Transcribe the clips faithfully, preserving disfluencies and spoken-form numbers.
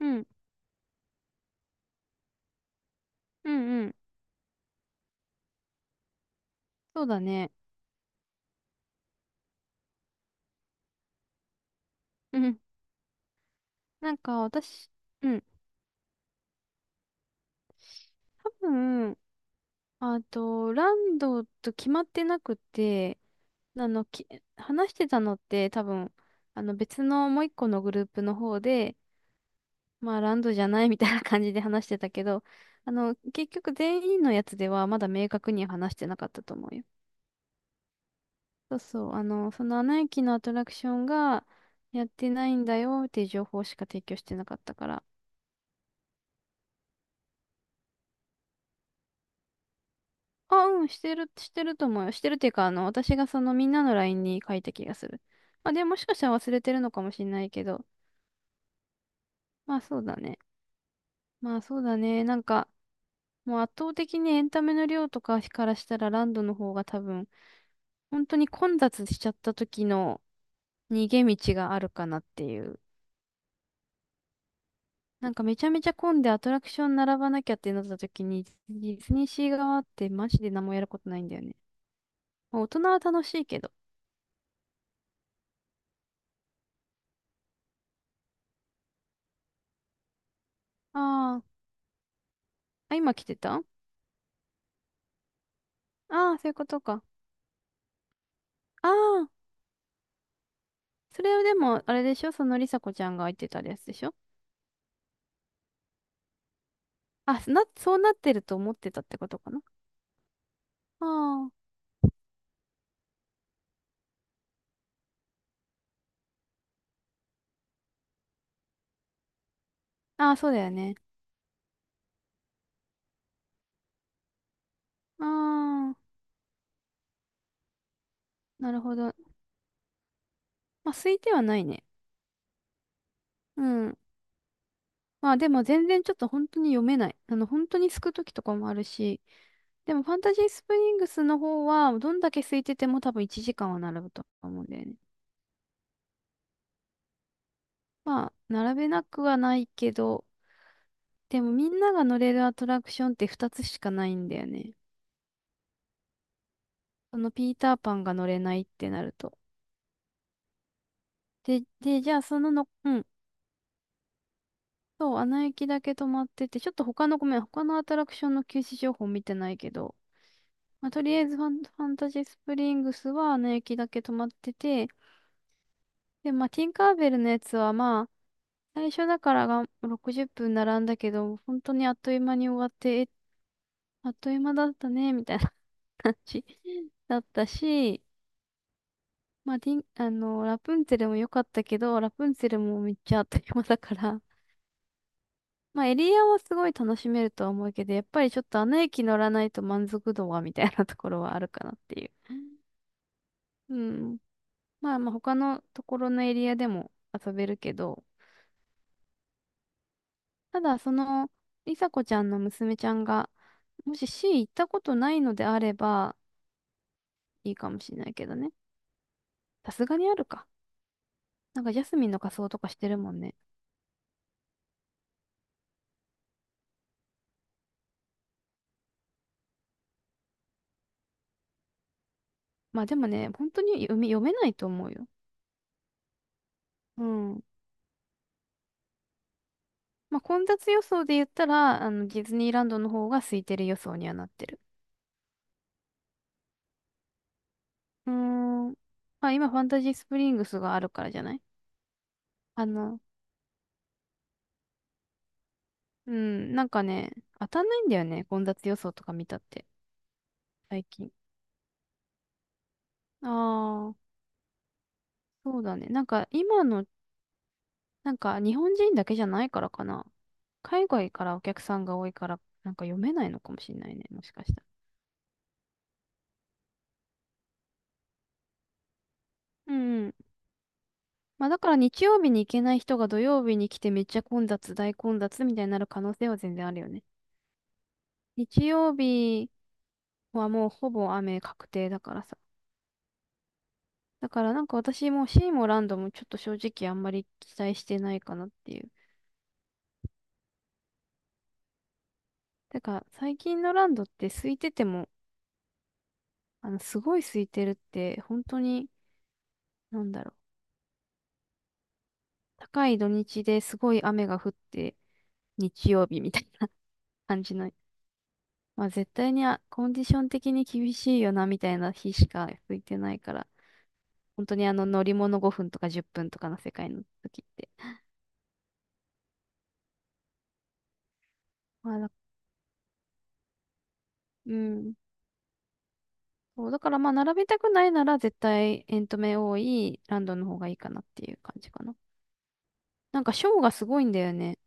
うん、うん、うん。そうだね。うん。なんか私、うん。多分、あと、ランドと決まってなくて、あの、き、話してたのって多分、あの別のもう一個のグループの方で、まあランドじゃないみたいな感じで話してたけど、あの、結局全員のやつではまだ明確には話してなかったと思うよ。そうそう、あの、そのアナ雪のアトラクションがやってないんだよっていう情報しか提供してなかったから。あ、うん、してる、してると思うよ。してるっていうか、あの、私がそのみんなの ライン に書いた気がする。まあ、でももしかしたら忘れてるのかもしれないけど、まあそうだね。まあそうだね。なんか、もう圧倒的にエンタメの量とかからしたらランドの方が多分、本当に混雑しちゃった時の逃げ道があるかなっていう。なんかめちゃめちゃ混んでアトラクション並ばなきゃってなった時に、ディズニーシー側ってマジで何もやることないんだよね。まあ、大人は楽しいけど。あー、あ、今来てた。ああー、そういうことか。ああ、それはでも、あれでしょ、そのりさこちゃんが言ってたやつでしょ？あ、な、そうなってると思ってたってことかな？ああ、ああ、そうだよね。ああ、なるほど。まあ、空いてはないね。うん。まあ、でも全然ちょっと本当に読めない。あの、本当にすくときとかもあるし、でもファンタジースプリングスの方は、どんだけ空いてても多分いちじかんは並ぶと思うんだよね。まあ、並べなくはないけど、でもみんなが乗れるアトラクションってふたつしかないんだよね。そのピーターパンが乗れないってなると。で、で、じゃあそのの、うん。そう、アナ雪だけ止まってて、ちょっと他の、ごめん、他のアトラクションの休止情報見てないけど、まあ、とりあえずファン、ファンタジースプリングスはアナ雪だけ止まってて、で、まあ、ティンカーベルのやつはまあ、最初だからがろくじゅっぷん並んだけど、本当にあっという間に終わって、え、あっという間だったね、みたいな感じ だったし、まあ、ティン、あの、ラプンツェルも良かったけど、ラプンツェルもめっちゃあっという間だから、まあ、エリアはすごい楽しめるとは思うけど、やっぱりちょっとあの駅乗らないと満足度はみたいなところはあるかなっていう。うん。まあまあ、他のところのエリアでも遊べるけど、ただ、その、りさこちゃんの娘ちゃんが、もし C 行ったことないのであれば、いいかもしれないけどね。さすがにあるか。なんか、ジャスミンの仮装とかしてるもんね。まあ、でもね、本当に読め、読めないと思うよ。うん。まあ、混雑予想で言ったら、あの、ディズニーランドの方が空いてる予想にはなってる。うーん。まあ今ファンタジースプリングスがあるからじゃない？あの、うん、なんかね、当たんないんだよね。混雑予想とか見たって、最近。ああ、そうだね。なんか今の、なんか日本人だけじゃないからかな。海外からお客さんが多いから、なんか読めないのかもしれないね。もしかしたら。うんうん。まあだから日曜日に行けない人が土曜日に来てめっちゃ混雑、大混雑みたいになる可能性は全然あるよね。日曜日はもうほぼ雨確定だからさ。だからなんか私もシーもランドもちょっと正直あんまり期待してないかなっていう。だから最近のランドって空いてても、あの、すごい空いてるって本当に、なんだろう。高い土日ですごい雨が降って日曜日みたいな 感じの。まあ絶対にあコンディション的に厳しいよなみたいな日しか空いてないから。本当にあの乗り物ごふんとかじゅっぷんとかの世界の時って。まあだ、うん。そう、だからまあ、並びたくないなら絶対エントメ多いランドの方がいいかなっていう感じかな。なんかショーがすごいんだよね。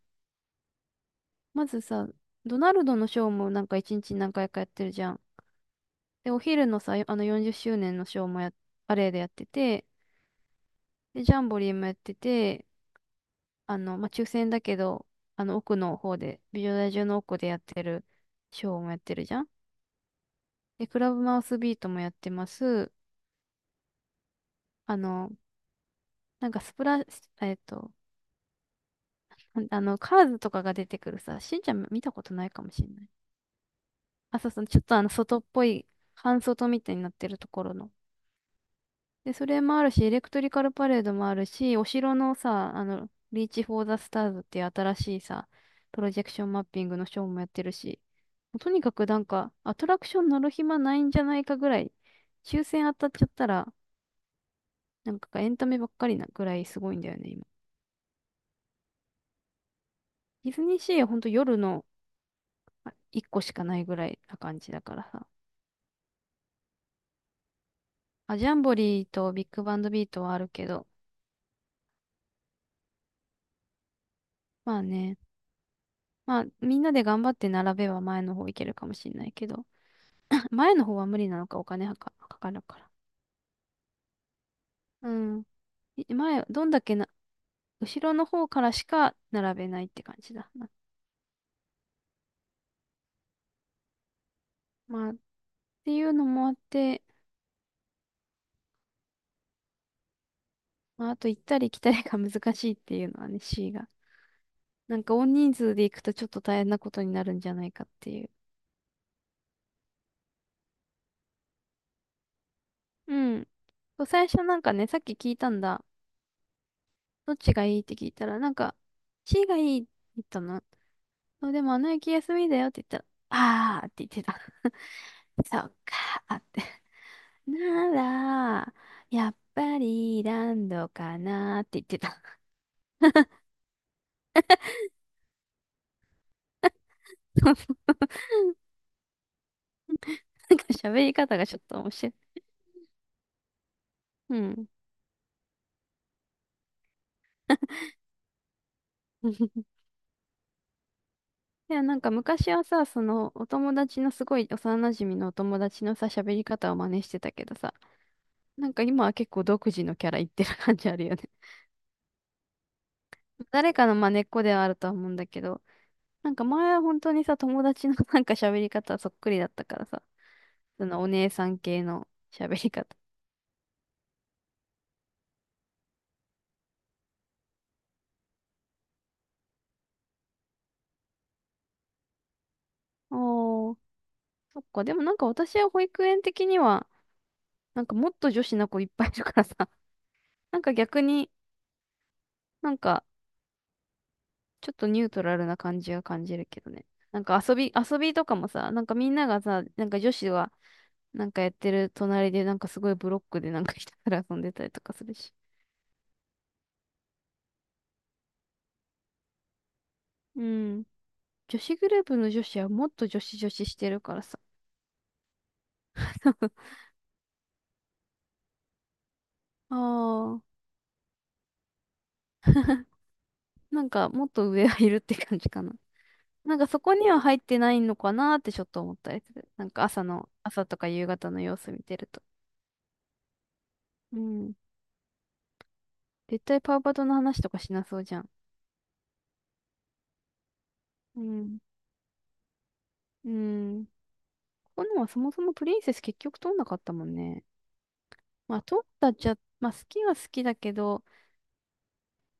まずさ、ドナルドのショーもなんかいちにちに何回かやってるじゃん。で、お昼のさ、あのよんじゅっしゅうねんのショーもや、パレードやってて、で、ジャンボリーもやってて、あの、まあ、抽選だけど、あの奥の方で、美女大中の奥でやってるショーもやってるじゃん。で、クラブマウスビートもやってます。あの、なんかスプラ、えっと、ほんあの、カーズとかが出てくるさ、しんちゃん見たことないかもしれない。あ、そうそう、ちょっとあの、外っぽい、半外みたいになってるところの。で、それもあるし、エレクトリカルパレードもあるし、お城のさ、あの、リーチ・フォー・ザ・スターズっていう新しいさ、プロジェクションマッピングのショーもやってるし、もうとにかくなんか、アトラクション乗る暇ないんじゃないかぐらい、抽選当たっちゃったら、なんかエンタメばっかりなぐらいすごいんだよね、今。ディズニーシーはほんと夜のあ一個しかないぐらいな感じだからさ。まあ、ジャンボリーとビッグバンドビートはあるけど。まあね。まあ、みんなで頑張って並べば前の方いけるかもしれないけど。前の方は無理なのか、お金はか、かかるから。うん。い前、どんだけな、後ろの方からしか並べないって感じだな。まあ、っていうのもあって、まあ、あと行ったり来たりが難しいっていうのはね、C が。なんか大人数で行くとちょっと大変なことになるんじゃないかっていう。うん。そう最初なんかね、さっき聞いたんだ。どっちがいいって聞いたら、なんか、C がいいって言ったの。そうでも、あの駅休みだよって言ったら、あーって言ってた。そっかーって。なら、やっぱりランドかなーって言ってた。なんか喋り方がちょっと面白い。うん。いや、なんか昔はさ、その、お友達のすごい幼馴染のお友達のさ、喋り方を真似してたけどさ、なんか今は結構独自のキャラ言ってる感じあるよね。誰かの真似っこではあるとは思うんだけど、なんか前は本当にさ、友達の なんか喋り方そっくりだったからさ、そのお姉さん系の喋り方。おー、そっか。でもなんか私は保育園的には、なんかもっと女子の子いっぱいいるからさ、なんか逆になんかちょっとニュートラルな感じが感じるけどね。なんか遊び、遊びとかもさ、なんかみんながさ、なんか女子はなんかやってる隣でなんかすごいブロックでなんかひたすら遊んでたりとかするし。うん。女子グループの女子はもっと女子女子してるからさ。ああ。なんか、もっと上はいるって感じかな。なんかそこには入ってないのかなってちょっと思ったりする。なんか朝の、朝とか夕方の様子見てると。うん。絶対パウパトの話とかしなそうじゃん。うん。うん。ここのはそもそもプリンセス結局通んなかったもんね。まあ通ったっちゃ、まあ好きは好きだけど、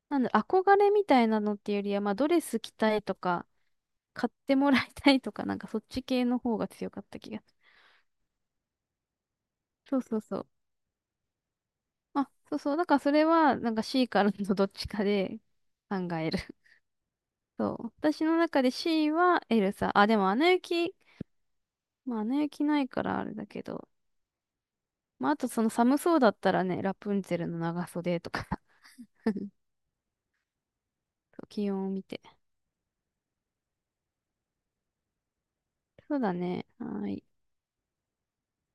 なんだ、憧れみたいなのっていうよりは、まあドレス着たいとか、買ってもらいたいとか、なんかそっち系の方が強かった気がする。そうそうそう。あ、そうそう。だからそれは、なんか C からの どっちかで考える。そう。私の中で C はエルサ。あ、でもアナ雪、まあアナ雪ないからあれだけど。まああとその寒そうだったらね、ラプンツェルの長袖とか。 そう気温を見て。そうだね。はーい。